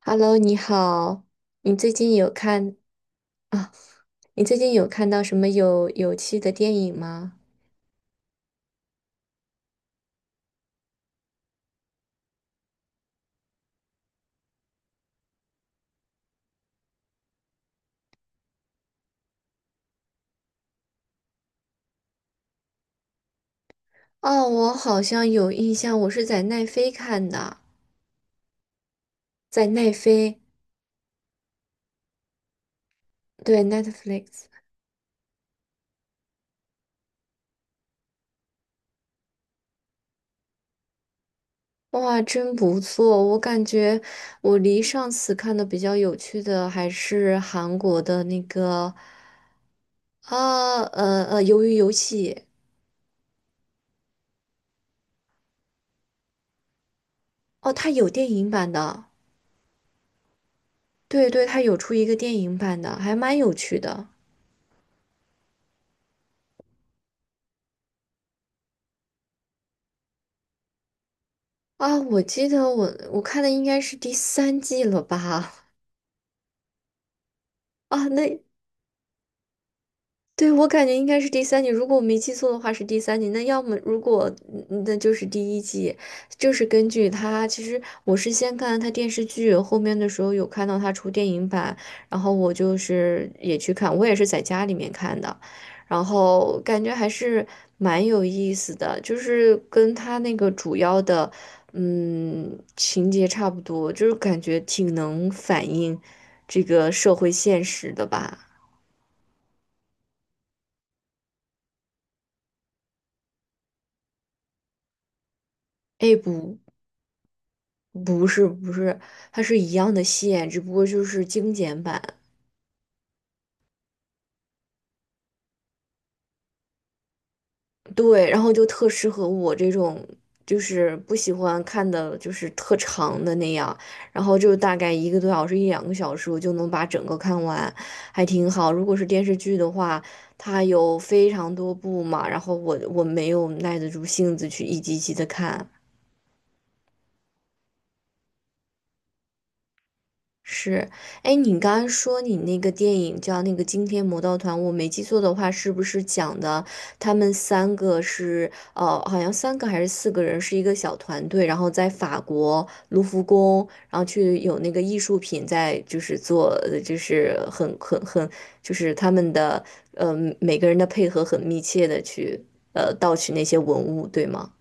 Hello，你好，你最近有看啊？你最近有看到什么有趣的电影吗？哦，我好像有印象，我是在奈飞看的，在奈飞，对，Netflix。哇，真不错！我感觉我离上次看的比较有趣的还是韩国的那个，啊，《鱿鱼游戏》。哦，它有电影版的，对对，它有出一个电影版的，还蛮有趣的。啊，我记得我看的应该是第三季了吧？啊，那对，我感觉应该是第三集，如果我没记错的话是第三集。那要么如果那就是第一季，就是根据他。其实我是先看他电视剧，后面的时候有看到他出电影版，然后我就是也去看，我也是在家里面看的，然后感觉还是蛮有意思的，就是跟他那个主要的情节差不多，就是感觉挺能反映这个社会现实的吧。哎，不，不是，它是一样的线，只不过就是精简版。对，然后就特适合我这种，就是不喜欢看的，就是特长的那样。然后就大概一个多小时、一两个小时，我就能把整个看完，还挺好。如果是电视剧的话，它有非常多部嘛，然后我没有耐得住性子去一集一集的看。是，哎，你刚刚说你那个电影叫那个《惊天魔盗团》，我没记错的话，是不是讲的他们三个是好像三个还是四个人是一个小团队，然后在法国卢浮宫，然后去有那个艺术品在就是做，就是很，就是他们的呃每个人的配合很密切的去盗取那些文物，对吗？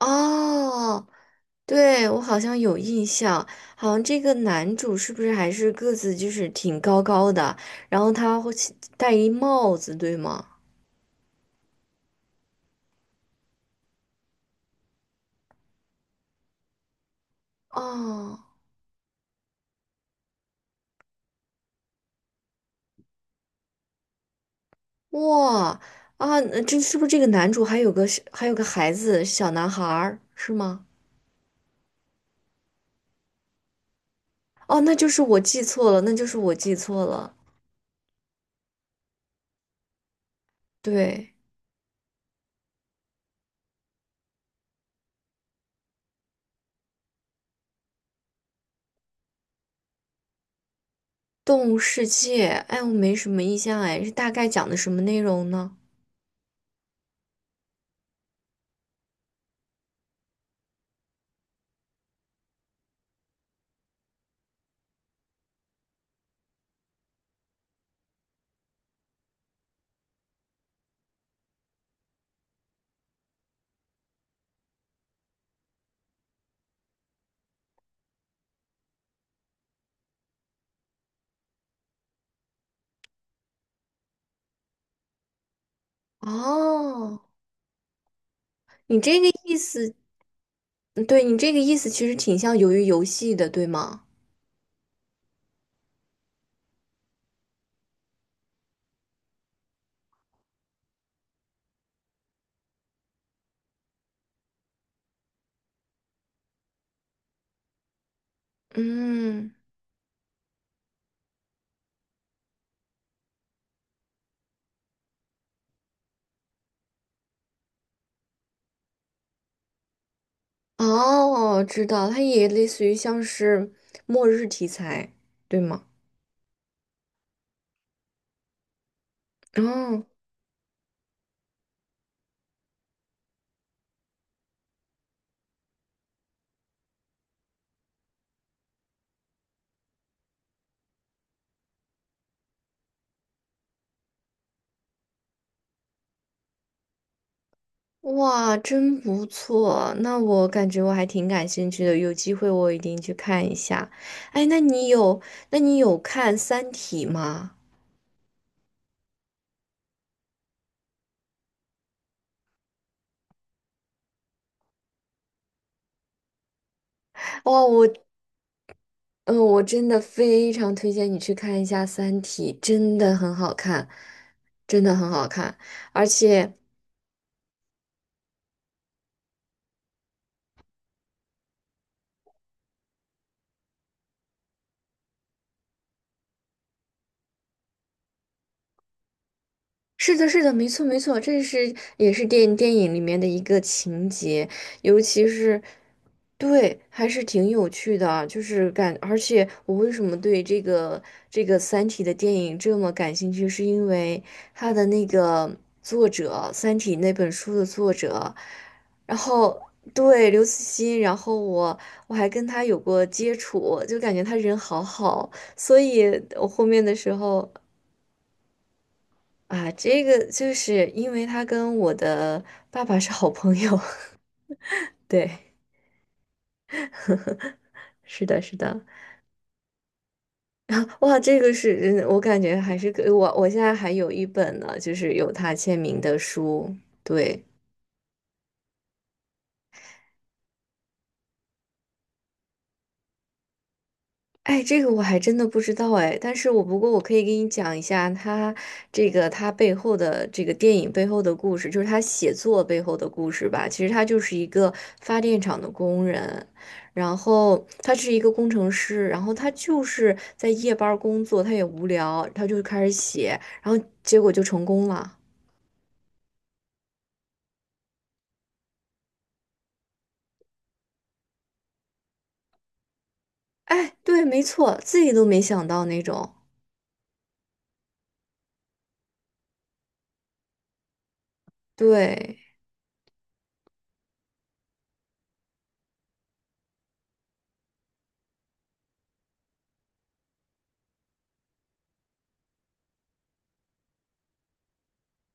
哦，对，我好像有印象，好像这个男主是不是还是个子就是挺高的，然后他会戴一帽子，对吗？哦，哇啊，那这是不是这个男主还有个是还有个孩子小男孩儿是吗？哦，那就是我记错了，那就是我记错了。对，动物世界，哎，我没什么印象，哎，是大概讲的什么内容呢？哦，你这个意思，嗯对，你这个意思其实挺像鱿鱼游戏的，对吗？嗯，哦，知道，它也类似于像是末日题材，对吗？哦，哇，真不错，那我感觉我还挺感兴趣的，有机会我一定去看一下。哎，那你有，那你有看《三体》吗？哇，我，嗯，我真的非常推荐你去看一下《三体》，真的很好看，真的很好看，而且。是的，是的，没错，没错，这是也是电影里面的一个情节，尤其是，对，还是挺有趣的，就是感，而且我为什么对这个《三体》的电影这么感兴趣，是因为他的那个作者，《三体》那本书的作者，然后对刘慈欣，然后我还跟他有过接触，就感觉他人好好，所以我后面的时候。啊，这个就是因为他跟我的爸爸是好朋友，对，是的，是的，哇，这个是，嗯我感觉还是给我，我现在还有一本呢，就是有他签名的书，对，哎，这个我还真的不知道哎，但是不过我可以给你讲一下他这个他背后的这个电影背后的故事，就是他写作背后的故事吧。其实他就是一个发电厂的工人，然后他是一个工程师，然后他就是在夜班儿工作，他也无聊，他就开始写，然后结果就成功了。哎，对，没错，自己都没想到那种，对。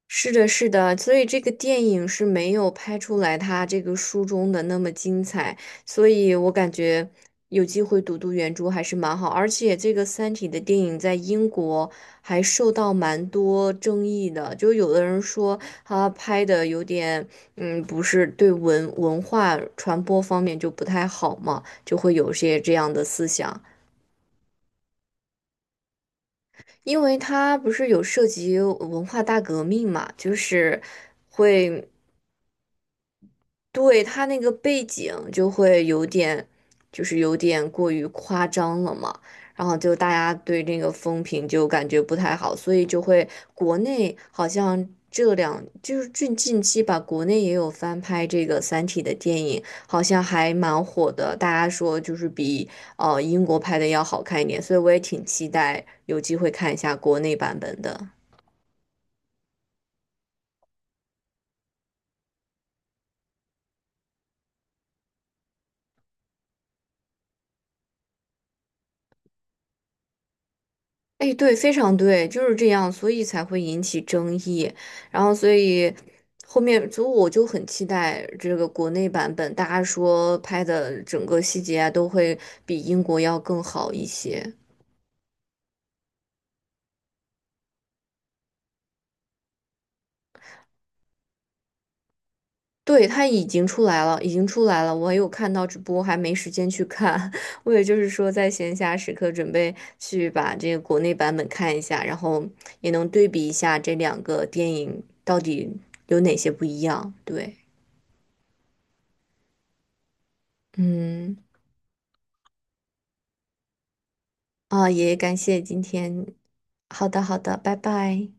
是的，是的，所以这个电影是没有拍出来他这个书中的那么精彩，所以我感觉有机会读读原著还是蛮好，而且这个《三体》的电影在英国还受到蛮多争议的，就有的人说它拍的有点，嗯，不是对文化传播方面就不太好嘛，就会有些这样的思想。因为它不是有涉及文化大革命嘛，就是会对，他那个背景就会有点，就是有点过于夸张了嘛，然后就大家对这个风评就感觉不太好，所以就会国内好像这两就是近期吧，国内也有翻拍这个《三体》的电影，好像还蛮火的，大家说就是比英国拍的要好看一点，所以我也挺期待有机会看一下国内版本的。哎，对，非常对，就是这样，所以才会引起争议。然后，所以后面，所以我就很期待这个国内版本，大家说拍的整个细节啊，都会比英国要更好一些。对，它已经出来了，已经出来了，我有看到直播，还没时间去看。我也就是说，在闲暇时刻准备去把这个国内版本看一下，然后也能对比一下这两个电影到底有哪些不一样。对，嗯。啊，也感谢今天。好的，好的，拜拜。